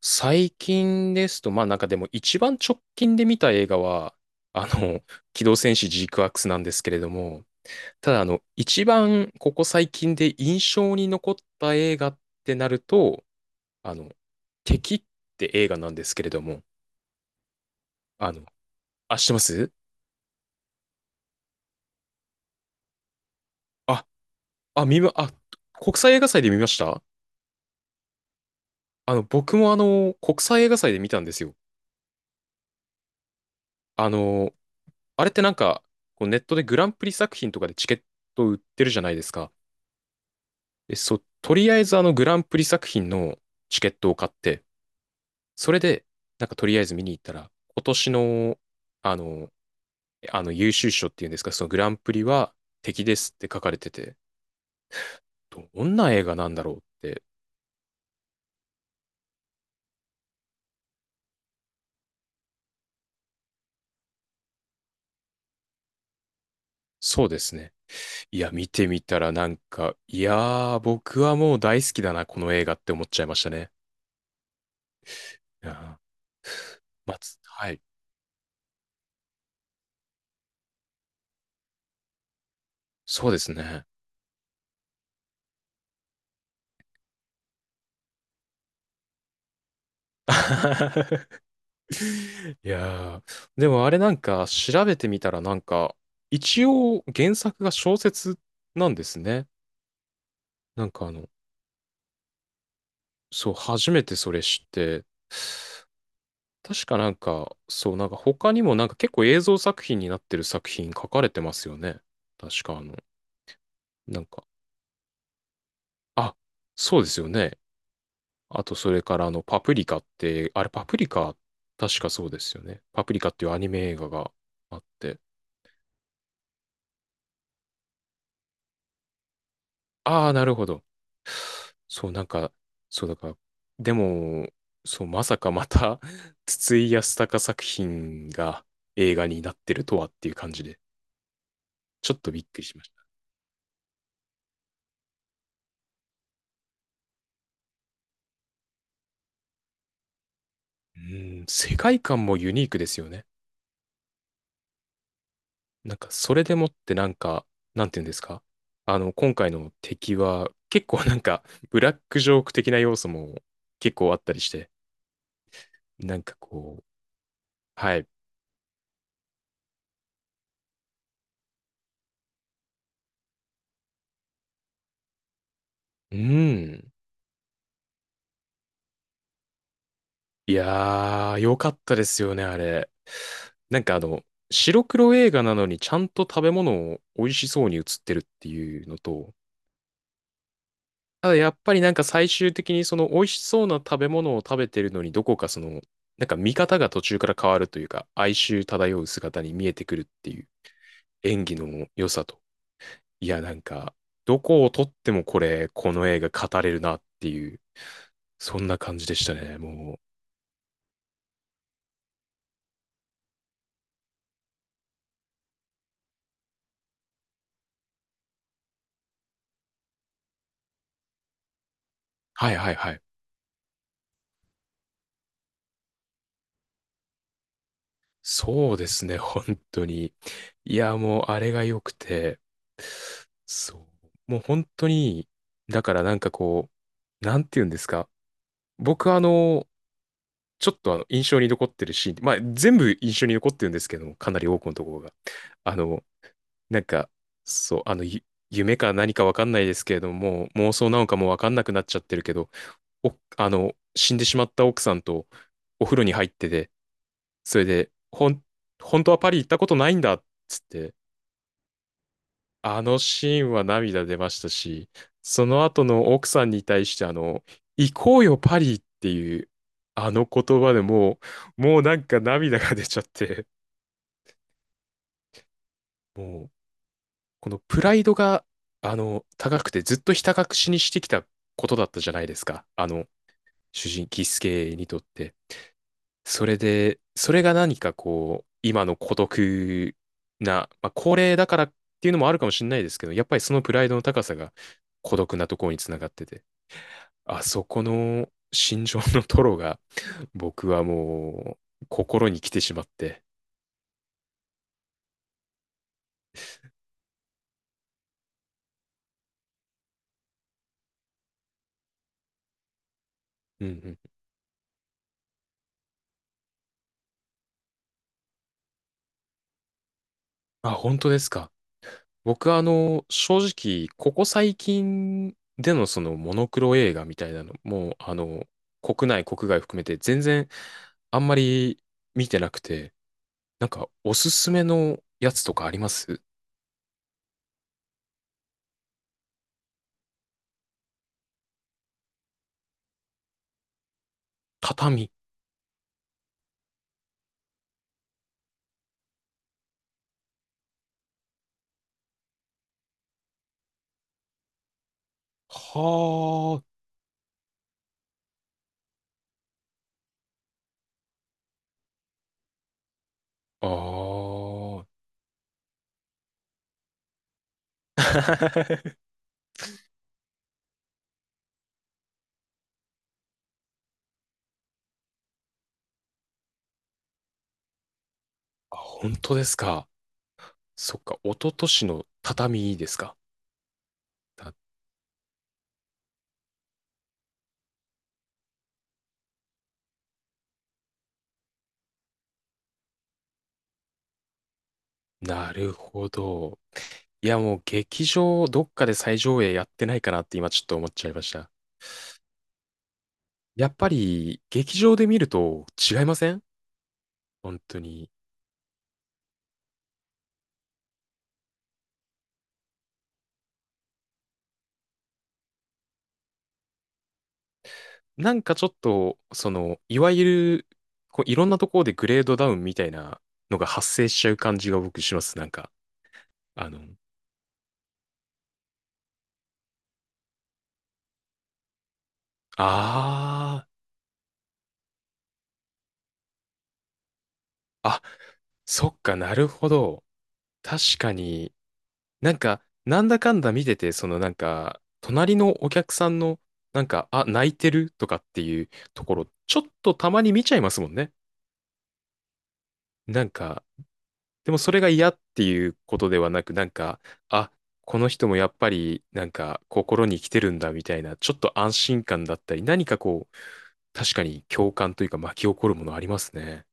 最近ですと、まあなんかでも一番直近で見た映画は、あの、機動戦士ジークアクスなんですけれども、ただ一番ここ最近で印象に残った映画ってなると、あの、敵って映画なんですけれども、あの、あ、知ってます。あ、あ、見ま、あ、国際映画祭で見ました。僕も国際映画祭で見たんですよ。あの、あれってなんか、こうネットでグランプリ作品とかでチケット売ってるじゃないですか。で、そう、とりあえずあのグランプリ作品のチケットを買って、それで、なんかとりあえず見に行ったら、今年の、あの、あの優秀賞っていうんですか、そのグランプリは敵ですって書かれてて、どんな映画なんだろうって、そうですね。いや、見てみたらなんか、いやー、僕はもう大好きだな、この映画って思っちゃいましたね。いやー、はい。そうですね。いやー、でもあれなんか調べてみたらなんか、一応原作が小説なんですね。なんかそう、初めてそれ知って、確かなんか、そう、なんか他にもなんか結構映像作品になってる作品書かれてますよね。確かなんか、あ、そうですよね。あとそれからパプリカって、あれパプリカ、確かそうですよね。パプリカっていうアニメ映画があって。ああ、なるほど。そう、なんか、そうだから、でも、そう、まさかまた 筒井康隆作品が映画になってるとはっていう感じで、ちょっとびっくりしました。うん、世界観もユニークですよね。なんか、それでもってなんか、なんていうんですか、今回の敵は、結構なんか、ブラックジョーク的な要素も結構あったりして、なんかこう、はい。うん。いやー、良かったですよね、あれ。なんか白黒映画なのにちゃんと食べ物を美味しそうに映ってるっていうのと、ただやっぱりなんか最終的にその美味しそうな食べ物を食べてるのにどこかその、なんか見方が途中から変わるというか、哀愁漂う姿に見えてくるっていう演技の良さと。いや、なんか、どこを撮ってもこれ、この映画語れるなっていう、そんな感じでしたね、もう。はいはいはい。そうですね、本当に。いや、もうあれが良くて、そう。もう本当に、だからなんかこう、なんて言うんですか。僕ちょっとあの印象に残ってるシーン、まあ全部印象に残ってるんですけども、かなり多くのところが。あの、なんか、そう、夢か何かわかんないですけれども、妄想なのかもわかんなくなっちゃってるけど、お、あの、死んでしまった奥さんとお風呂に入ってて、それで、本当はパリ行ったことないんだっつって、あのシーンは涙出ましたし、その後の奥さんに対して、行こうよパリっていう、あの言葉でもう、もうなんか涙が出ちゃって、もう、このプライドが、高くてずっとひた隠しにしてきたことだったじゃないですか。キスケにとって。それで、それが何かこう、今の孤独な、まあ、高齢だからっていうのもあるかもしれないですけど、やっぱりそのプライドの高さが孤独なところにつながってて、あそこの心情のトロが、僕はもう、心に来てしまって、うんうん。あ、本当ですか。僕は正直、ここ最近でのそのモノクロ映画みたいなのも、国内、国外含めて全然あんまり見てなくて、なんか、おすすめのやつとかあります？畳。はああー あ、本当ですか。そっか、一昨年の畳ですか。な、なるほど。いや、もう劇場、どっかで再上映やってないかなって今ちょっと思っちゃいました。やっぱり、劇場で見ると違いません？本当に。なんかちょっと、その、いわゆる、こういろんなところでグレードダウンみたいなのが発生しちゃう感じが僕します。なんか。あの、ああ、あ、そっか、なるほど。確かに、なんか、なんだかんだ見てて、そのなんか、隣のお客さんの、なんか、あ、泣いてるとかっていうところ、ちょっとたまに見ちゃいますもんね。なんか、でもそれが嫌っていうことではなく、なんか、あ、この人もやっぱり、なんか、心に来てるんだみたいな、ちょっと安心感だったり、何かこう、確かに共感というか巻き起こるものありますね。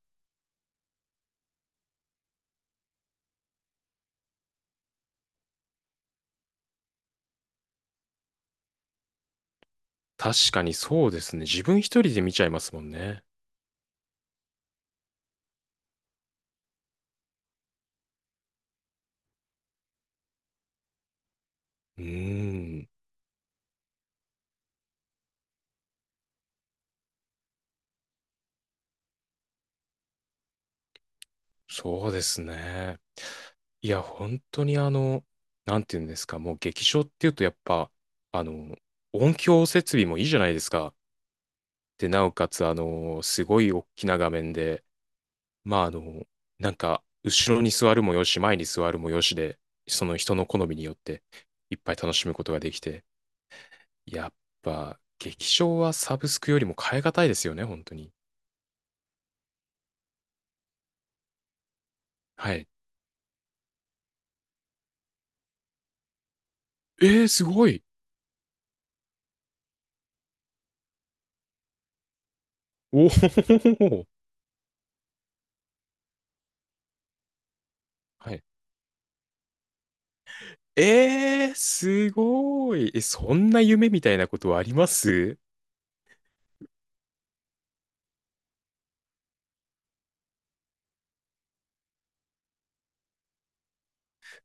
確かにそうですね。自分一人で見ちゃいますもんね。うーん。そうですね。いや、本当になんていうんですか、もう劇場っていうとやっぱ、あの、音響設備もいいじゃないですか。で、なおかつ、すごい大きな画面で、まあ、なんか、後ろに座るもよし、前に座るもよしで、その人の好みによって、いっぱい楽しむことができて、やっぱ、劇場はサブスクよりも変え難いですよね、本当に。はい。えー、すごい。おお、はい。えー、すごい。え、そんな夢みたいなことあります？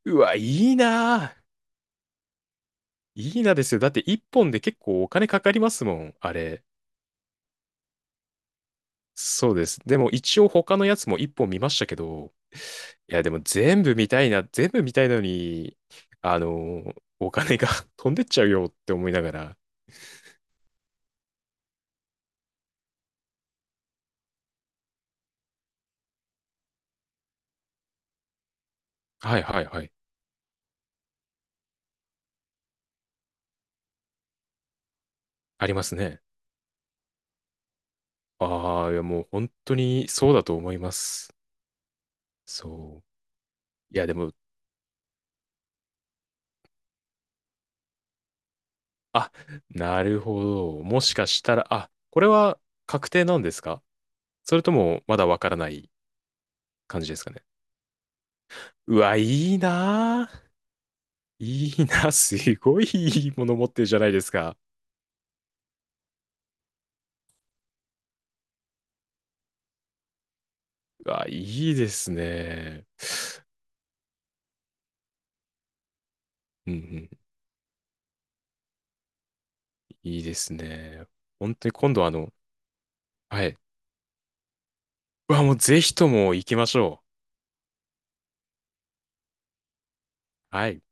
うわ、いいな。いいなですよ。だって一本で結構お金かかりますもん、あれ。そうです。でも一応他のやつも一本見ましたけど、いや、でも全部見たいな、全部見たいのに、あの、お金が 飛んでっちゃうよって思いながら。はいはいはい。ありますね。ああ、いやもう本当にそうだと思います。そう。いや、でもあ、なるほど。もしかしたら、あ、これは確定なんですか？それともまだわからない感じですかね？うわ、いいなぁ。いいな、すごいいいもの持ってるじゃないですか。うわ、いいですね。うんうん、いいですね。本当に今度はい。うわ、もうぜひとも行きましょう。はい。